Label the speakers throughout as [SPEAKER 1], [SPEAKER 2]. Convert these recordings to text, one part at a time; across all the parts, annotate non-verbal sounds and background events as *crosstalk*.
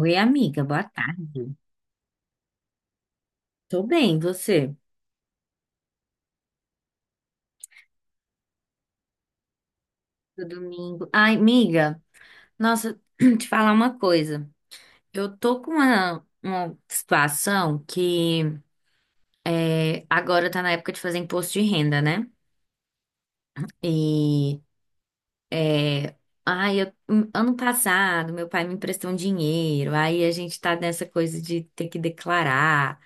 [SPEAKER 1] Oi, amiga, boa tarde. Tô bem, você? Do domingo. Ai, amiga, nossa, *clears throat* te falar uma coisa. Eu tô com uma situação que agora tá na época de fazer imposto de renda, né? E é, ai, ano passado meu pai me emprestou um dinheiro, aí a gente tá nessa coisa de ter que declarar,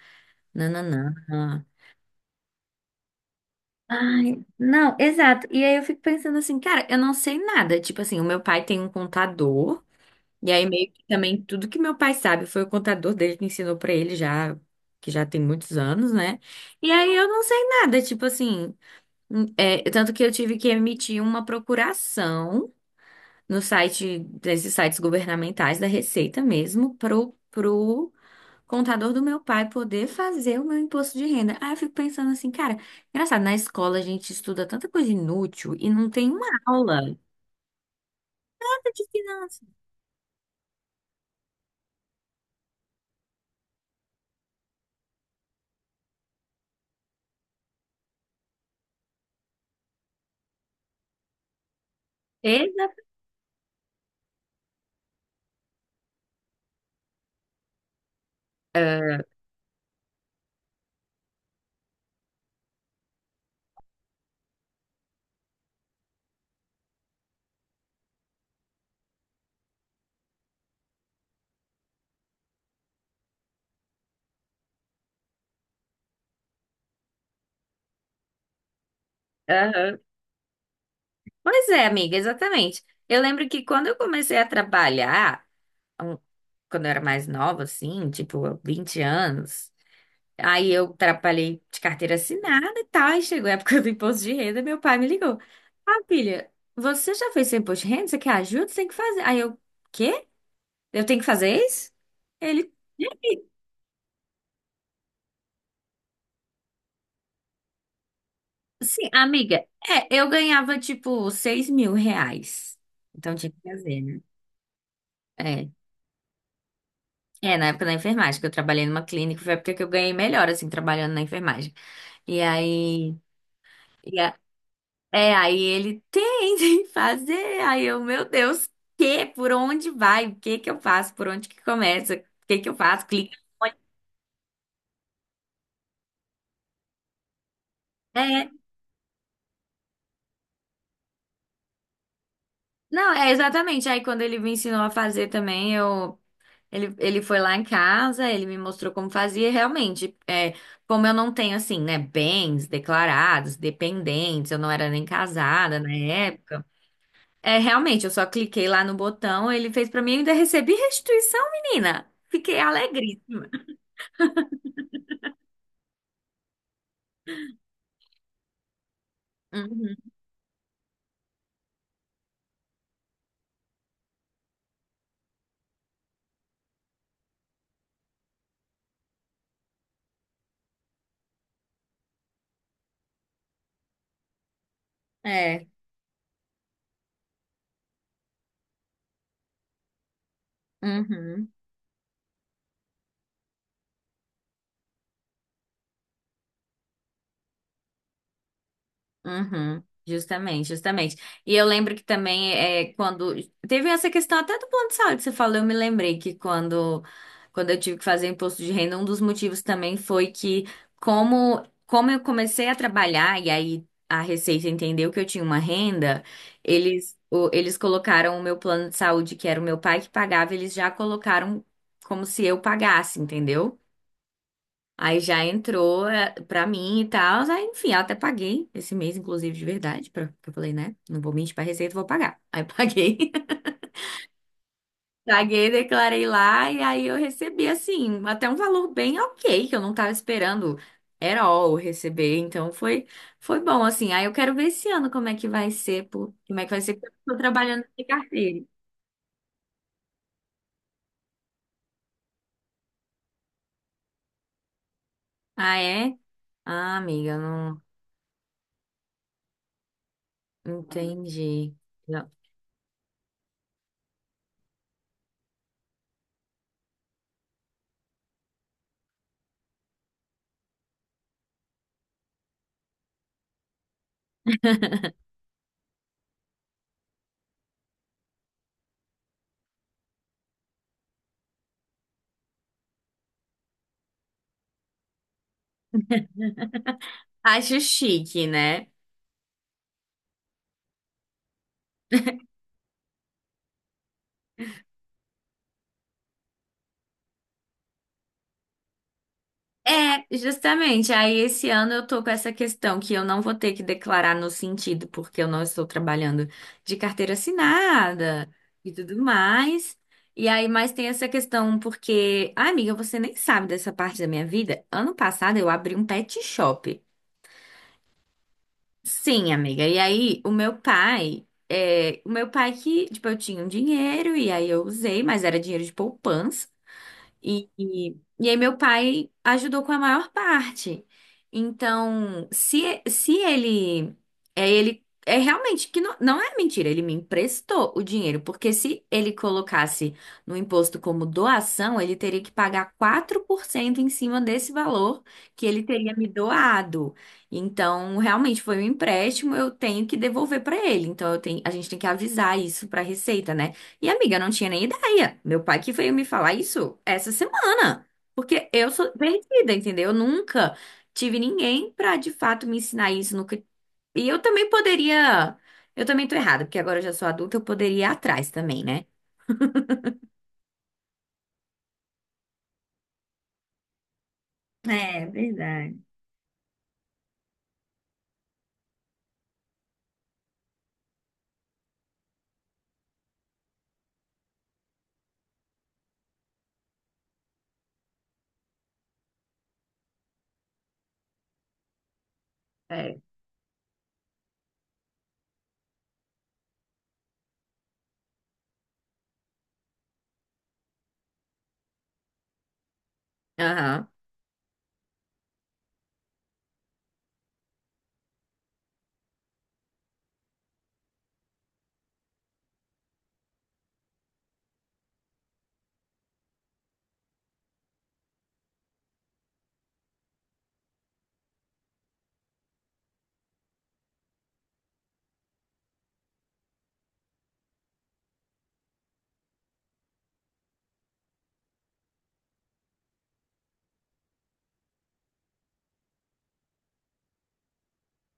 [SPEAKER 1] nananã. Ai, não, exato. E aí eu fico pensando assim, cara, eu não sei nada. Tipo assim, o meu pai tem um contador. E aí meio que também tudo que meu pai sabe foi o contador dele que ensinou pra ele já, que já tem muitos anos, né? E aí eu não sei nada, tipo assim, é, tanto que eu tive que emitir uma procuração no site desses sites governamentais da Receita mesmo pro contador do meu pai poder fazer o meu imposto de renda. Aí eu fico pensando assim, cara, engraçado, na escola a gente estuda tanta coisa inútil e não tem uma aula de finanças. Exa- Pois é, amiga, exatamente. Eu lembro que quando eu comecei a trabalhar, um- quando eu era mais nova, assim, tipo, 20 anos, aí eu trabalhei de carteira assinada e tal, aí chegou a época do imposto de renda, meu pai me ligou. Ah, filha, você já fez seu imposto de renda? Você quer ajuda? Você tem que fazer. Aí eu, quê? Eu tenho que fazer isso? Ele, sim, amiga, é, eu ganhava, tipo, R$ 6.000. Então tinha que fazer, né? É. É, na época da enfermagem, que eu trabalhei numa clínica, foi a época que eu ganhei melhor, assim, trabalhando na enfermagem. E aí. e a- é, aí ele tem *laughs* tem que fazer. Aí eu, meu Deus, que? Por onde vai? O que que eu faço? Por onde que começa? O que que eu faço? Clica. onde- É, não, é exatamente. Aí quando ele me ensinou a fazer também, eu. Ele foi lá em casa, ele me mostrou como fazia, e realmente, é, como eu não tenho, assim, né, bens declarados, dependentes, eu não era nem casada na época. É, realmente, eu só cliquei lá no botão, ele fez pra mim e ainda recebi restituição, menina. Fiquei alegríssima. Uhum. É. Uhum. Uhum, justamente, justamente. E eu lembro que também é quando teve essa questão até do plano de saúde que você falou, eu me lembrei que quando eu tive que fazer imposto de renda, um dos motivos também foi que como eu comecei a trabalhar e aí a Receita entendeu que eu tinha uma renda, eles colocaram o meu plano de saúde, que era o meu pai que pagava, eles já colocaram como se eu pagasse, entendeu? Aí já entrou eh, pra mim e tal. Aí, enfim, eu até paguei esse mês, inclusive, de verdade, pra, porque eu falei, né? Não vou mentir pra Receita, vou pagar. Aí paguei. *laughs* Paguei, declarei lá, e aí eu recebi, assim, até um valor bem ok, que eu não tava esperando at all receber. Então foi, foi bom, assim. Aí eu quero ver esse ano como é que vai ser, por, como é que vai ser, porque eu tô trabalhando de carteira. Ah, é? Ah, amiga, não entendi. Não. Acho chique, né? É, justamente. Aí esse ano eu tô com essa questão que eu não vou ter que declarar no sentido, porque eu não estou trabalhando de carteira assinada e tudo mais. E aí, mas tem essa questão porque, ah, amiga, você nem sabe dessa parte da minha vida. Ano passado eu abri um pet shop. Sim, amiga. E aí, o meu pai, é, o meu pai que, tipo, eu tinha um dinheiro e aí eu usei, mas era dinheiro de poupança. E aí meu pai ajudou com a maior parte. Então, se ele, é ele, é realmente que não, não é mentira, ele me emprestou o dinheiro, porque se ele colocasse no imposto como doação, ele teria que pagar 4% em cima desse valor que ele teria me doado. Então, realmente foi um empréstimo, eu tenho que devolver para ele. Então, eu tenho, a gente tem que avisar isso para a Receita, né? E amiga, eu não tinha nem ideia. Meu pai que veio me falar isso essa semana. Porque eu sou perdida, entendeu? Eu nunca tive ninguém pra de fato me ensinar isso. Nunca... E eu também poderia. Eu também tô errada, porque agora eu já sou adulta, eu poderia ir atrás também, né? É, verdade. É. Aham.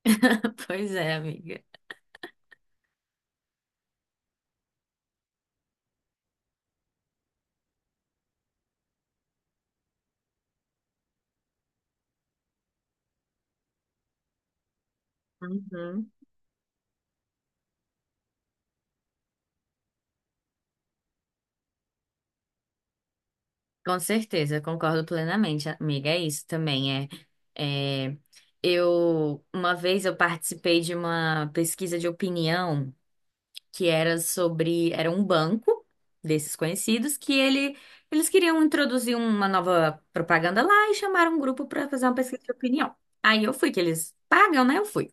[SPEAKER 1] *laughs* Pois é, amiga. Uhum. Com certeza, eu concordo plenamente, amiga. É isso também. É, é... Eu, uma vez eu participei de uma pesquisa de opinião. Que era sobre, era um banco desses conhecidos que ele eles queriam introduzir uma nova propaganda lá e chamaram um grupo para fazer uma pesquisa de opinião. Aí eu fui, que eles pagam, né? Eu fui.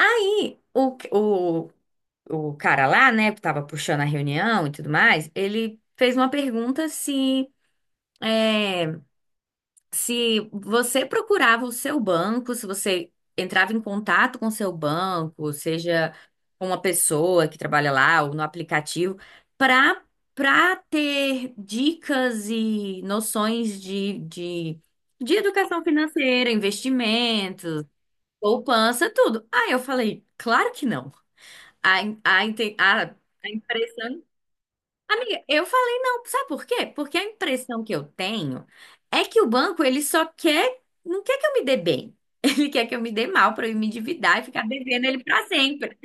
[SPEAKER 1] E o cara lá, né, que tava puxando a reunião e tudo mais, ele fez uma pergunta se é, se você procurava o seu banco, se você entrava em contato com o seu banco, seja com uma pessoa que trabalha lá ou no aplicativo, para para ter dicas e noções de educação financeira, investimentos, poupança, tudo. Aí eu falei, claro que não. A, a, inte- a, a impressão amiga, eu falei não. Sabe por quê? Porque a impressão que eu tenho é que o banco, ele só quer, não quer que eu me dê bem. *laughs* Ele quer que eu me dê mal para eu me endividar e ficar devendo ele para sempre.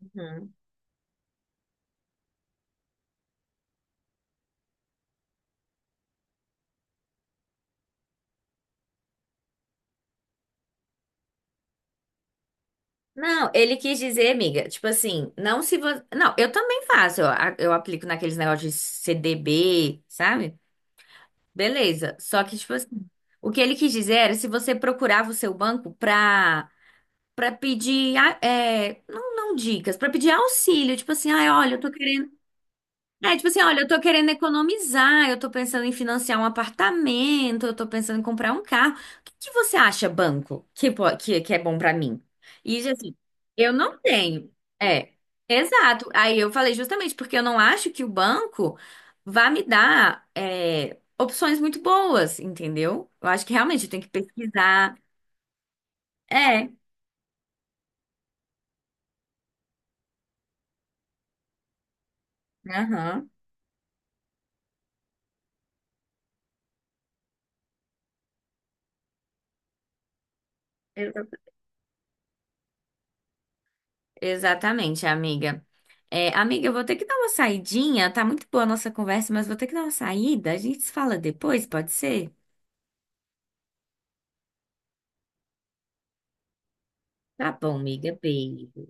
[SPEAKER 1] Uhum. Não, ele quis dizer, amiga, tipo assim, não se você. Não, eu também faço, eu, eu aplico naqueles negócios de CDB, sabe? Beleza. Só que, tipo assim, o que ele quis dizer era se você procurava o seu banco pra, pra pedir, ah, é, não, não dicas, pra pedir auxílio, tipo assim, ai, olha, eu tô querendo. É, tipo assim, olha, eu tô querendo economizar, eu tô pensando em financiar um apartamento, eu tô pensando em comprar um carro. O que que você acha, banco, que é bom pra mim? E tipo assim, eu não tenho. É, exato. Aí eu falei justamente porque eu não acho que o banco vá me dar é, opções muito boas, entendeu? Eu acho que realmente eu tenho que pesquisar. É, aham. Exatamente, amiga. É, amiga, eu vou ter que dar uma saidinha. Tá muito boa a nossa conversa, mas vou ter que dar uma saída. A gente se fala depois, pode ser? Tá bom, amiga. Beijo.